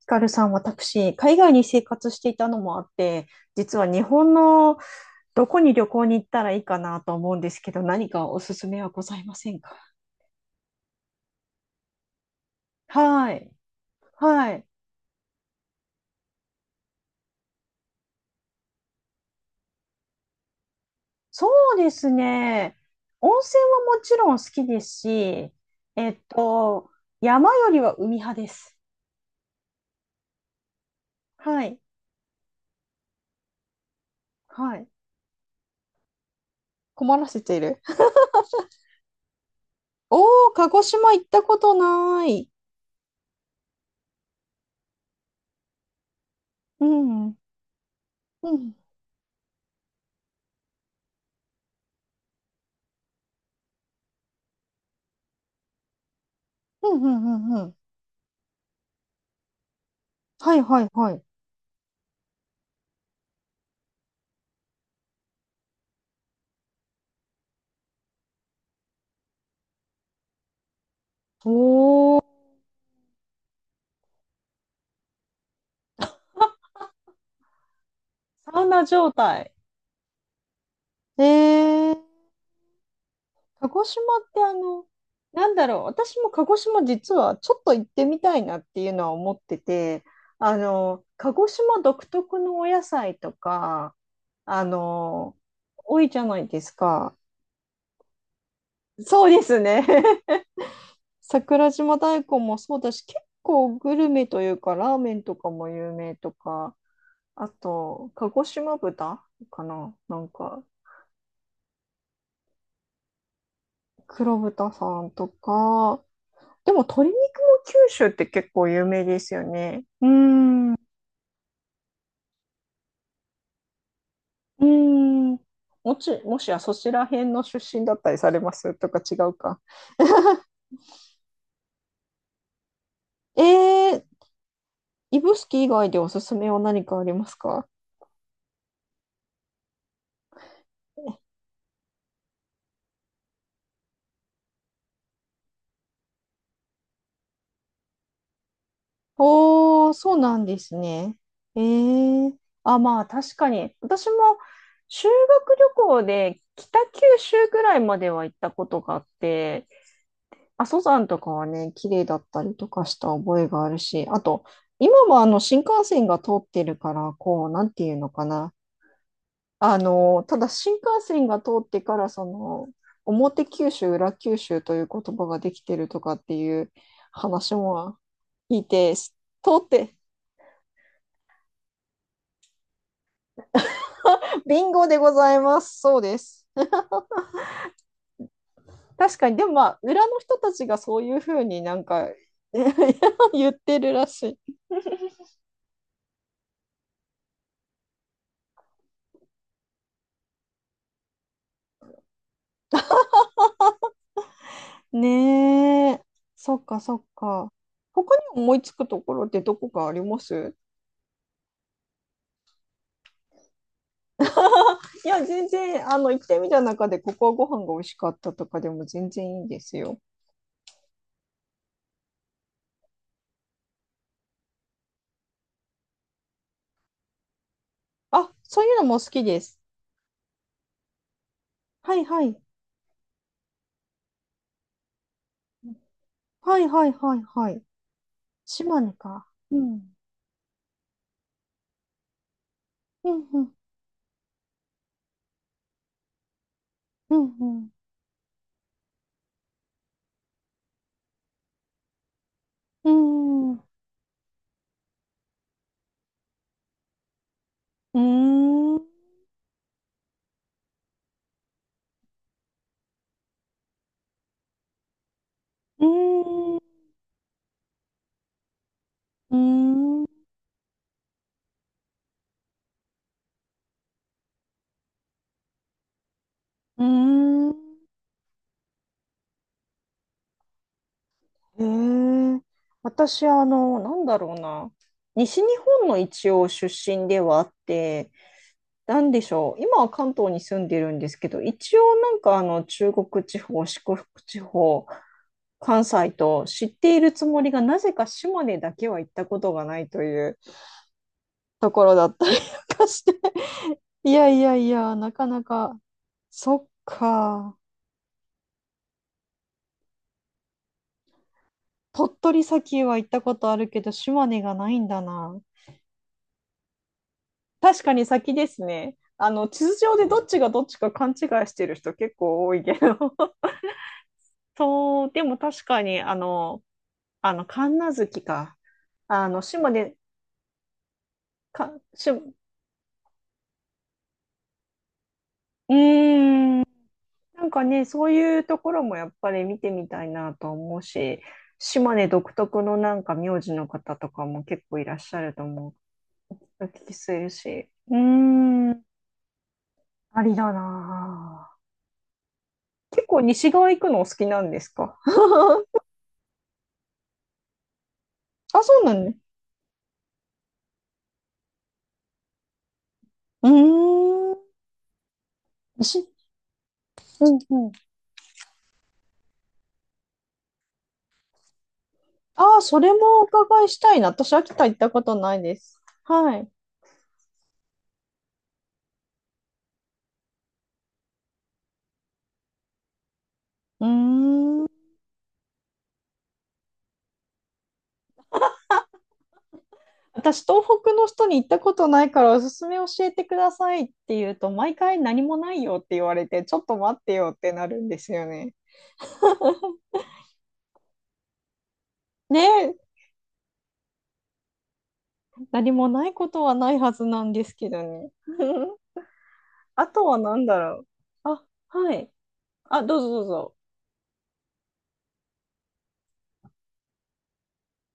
ヒカルさん、私、海外に生活していたのもあって、実は日本のどこに旅行に行ったらいいかなと思うんですけど、何かおすすめはございませんか？はい。はい。そうですね。温泉はもちろん好きですし、えっと、山よりは海派です。はい。はい。困らせている。おー、鹿児島行ったことない。うん。うん。うん、うん、うん、うん。はい、はい、はい。おー、サウナ状態。えー、鹿児島って、私も鹿児島実はちょっと行ってみたいなっていうのは思ってて、鹿児島独特のお野菜とか、あの、多いじゃないですか。そうですね。桜島大根もそうだし、結構グルメというか、ラーメンとかも有名とか、あと、鹿児島豚かな、黒豚さんとか、でも鶏肉も九州って結構有名ですよね。うーん。うーん。もしやそちら辺の出身だったりされますとか違うか。えー、指宿以外でおすすめは何かありますか？おー、そうなんですね。えー。あ、まあ確かに。私も修学旅行で北九州ぐらいまでは行ったことがあって、阿蘇山とかはね、綺麗だったりとかした覚えがあるし、あと、今はあの新幹線が通ってるから、こう、なんていうのかな。ただ新幹線が通ってから、表九州、裏九州という言葉ができてるとかっていう話も聞いて、通って、ビンゴでございます。そうです。確かに、でもまあ、裏の人たちがそういうふうになんか 言ってるらしい。ねえ。そっかそっか。他に思いつくところってどこかあります？いや、全然、行ってみた中で、ここはご飯が美味しかったとかでも全然いいですよ。あ、そういうのも好きです。はいはい。はいはいはいはい。島根か。うん。うんうん。うんうん。うーん。うーん。うーん。うーん。うーん。へえ、私、あの、なんだろうな。西日本の一応出身ではあって、なんでしょう。今は関東に住んでるんですけど、一応なんかあの中国地方、四国地方、関西と知っているつもりが、なぜか島根だけは行ったことがないというところだったりとかして。いやいやいや、なかなか。そっか。鳥取砂丘は行ったことあるけど、島根がないんだな。確かに先ですね。あの、地図上でどっちがどっちか勘違いしてる人結構多いけど。そう、でも確かに、神無月か。島根、うーん、なんかね、そういうところもやっぱり見てみたいなと思うし、島根独特のなんか名字の方とかも結構いらっしゃると思う。お聞きするし。うーん、ありだなあ。結構西側行くのお好きなんですか？あ、そうなんね。うーん。し、うんうん。ああ、それもお伺いしたいな。私、秋田行ったことないです。はい。うーん。私、東北の人に行ったことないから、おすすめ教えてくださいって言うと、毎回何もないよって言われて、ちょっと待ってよってなるんですよね。ねえ、何もないことはないはずなんですけどね。あとは何だろう。あ、はい。あ、どうぞどうぞ。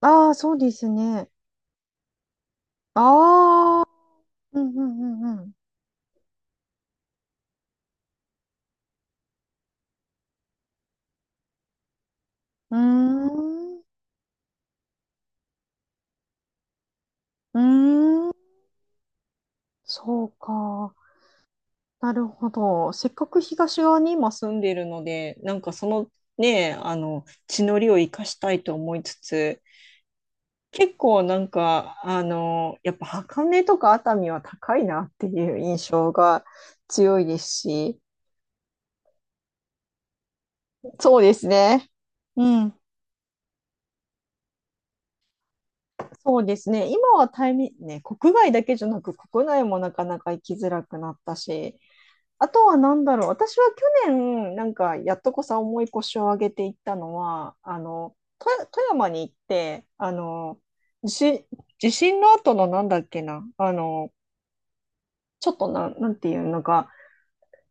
ああ、そうですね。ああ、うんうんうんうん。うーん。うーん、そうか。なるほど。せっかく東側に今住んでいるので、なんかそのね、地の利を生かしたいと思いつつ、結構なんか、あの、やっぱ箱根とか熱海は高いなっていう印象が強いですし、そうですね。うん、そうですね。今はタイミ、ね、国外だけじゃなく、国内もなかなか行きづらくなったし、あとは何だろう。私は去年、なんか、やっとこさ重い腰を上げていったのは、富富山に行って、地震、地震の後のなんだっけな、あの、ちょっとな、なんていうのか、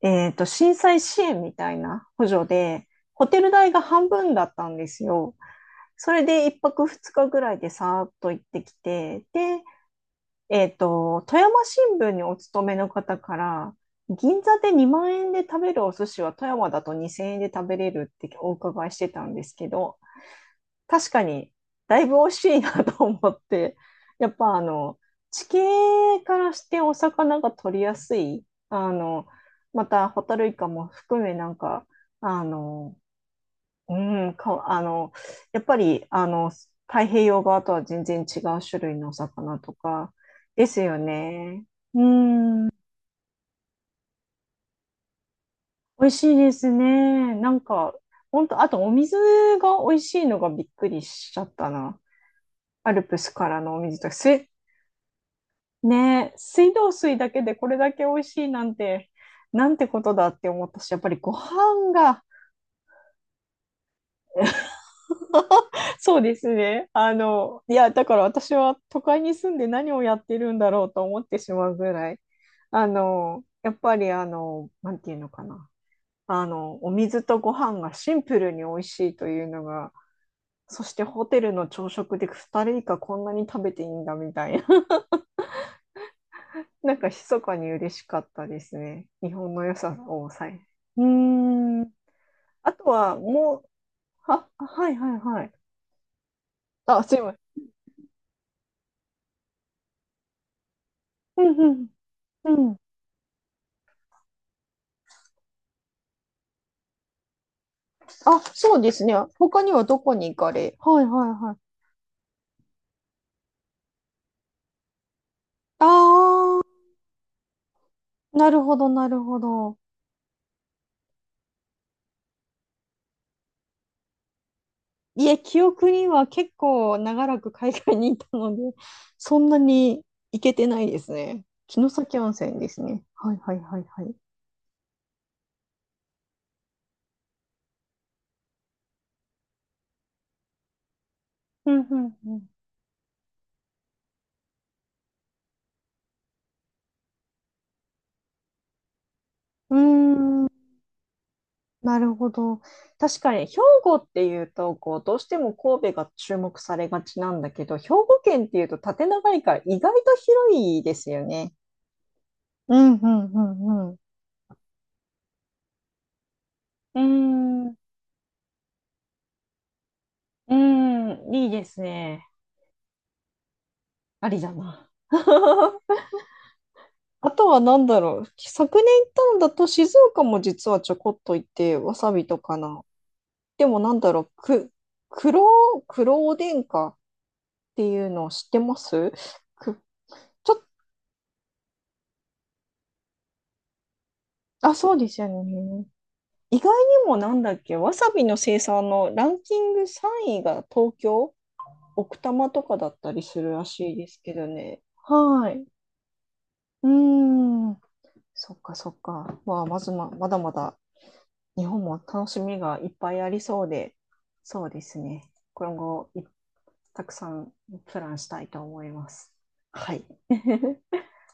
えっと、震災支援みたいな補助で、ホテル代が半分だったんですよ。それで1泊2日ぐらいでさーっと行ってきて、で、富山新聞にお勤めの方から、銀座で2万円で食べるお寿司は富山だと2000円で食べれるってお伺いしてたんですけど、確かにだいぶ美味しいなと思って、やっぱあの、地形からしてお魚が取りやすい、あの、またホタルイカも含めなんか、あの、うん、か、あの、やっぱり、あの、太平洋側とは全然違う種類のお魚とかですよね。うん、美味しいですね。なんか、本当あとお水が美味しいのがびっくりしちゃったな。アルプスからのお水とか、す、ね、水道水だけでこれだけ美味しいなんて、なんてことだって思ったし、やっぱりご飯が そうですね。だから私は都会に住んで何をやってるんだろうと思ってしまうぐらい、あの、やっぱりあの、なんていうのかな。あの、お水とご飯がシンプルに美味しいというのが、そしてホテルの朝食で2人以下こんなに食べていいんだみたいな。なんか密かに嬉しかったですね。日本の良さをさえ。うーん。あとはもう、は、はいはいはい。あ、すいません。うんうん。うん、あ、そうですね。他にはどこに行かれはいはいはい。ああ、なるほどなるほど。いえ、記憶には結構長らく海外にいたので、そんなに行けてないですね。城崎温泉ですね。はいはいはいはい。うんうんうん。うーん、なるほど。確かに兵庫っていうとこうどうしても神戸が注目されがちなんだけど、兵庫県っていうと縦長いから意外と広いですよね。うんうんうん、うーん、うーん、いいですね。ありだな。あとは何だろう。昨年行ったんだと静岡も実はちょこっと行って、わさびとかな。でも何だろう。く、黒、黒おでんかっていうのを知ってます？く、ちょっと、あ、そうですよね。意外にもなんだっけ、わさびの生産のランキング3位が東京、奥多摩とかだったりするらしいですけどね。はい。うーん。そっかそっか。まあ、まずま、まだまだ日本も楽しみがいっぱいありそうで、そうですね。今後い、たくさんプランしたいと思います。はい。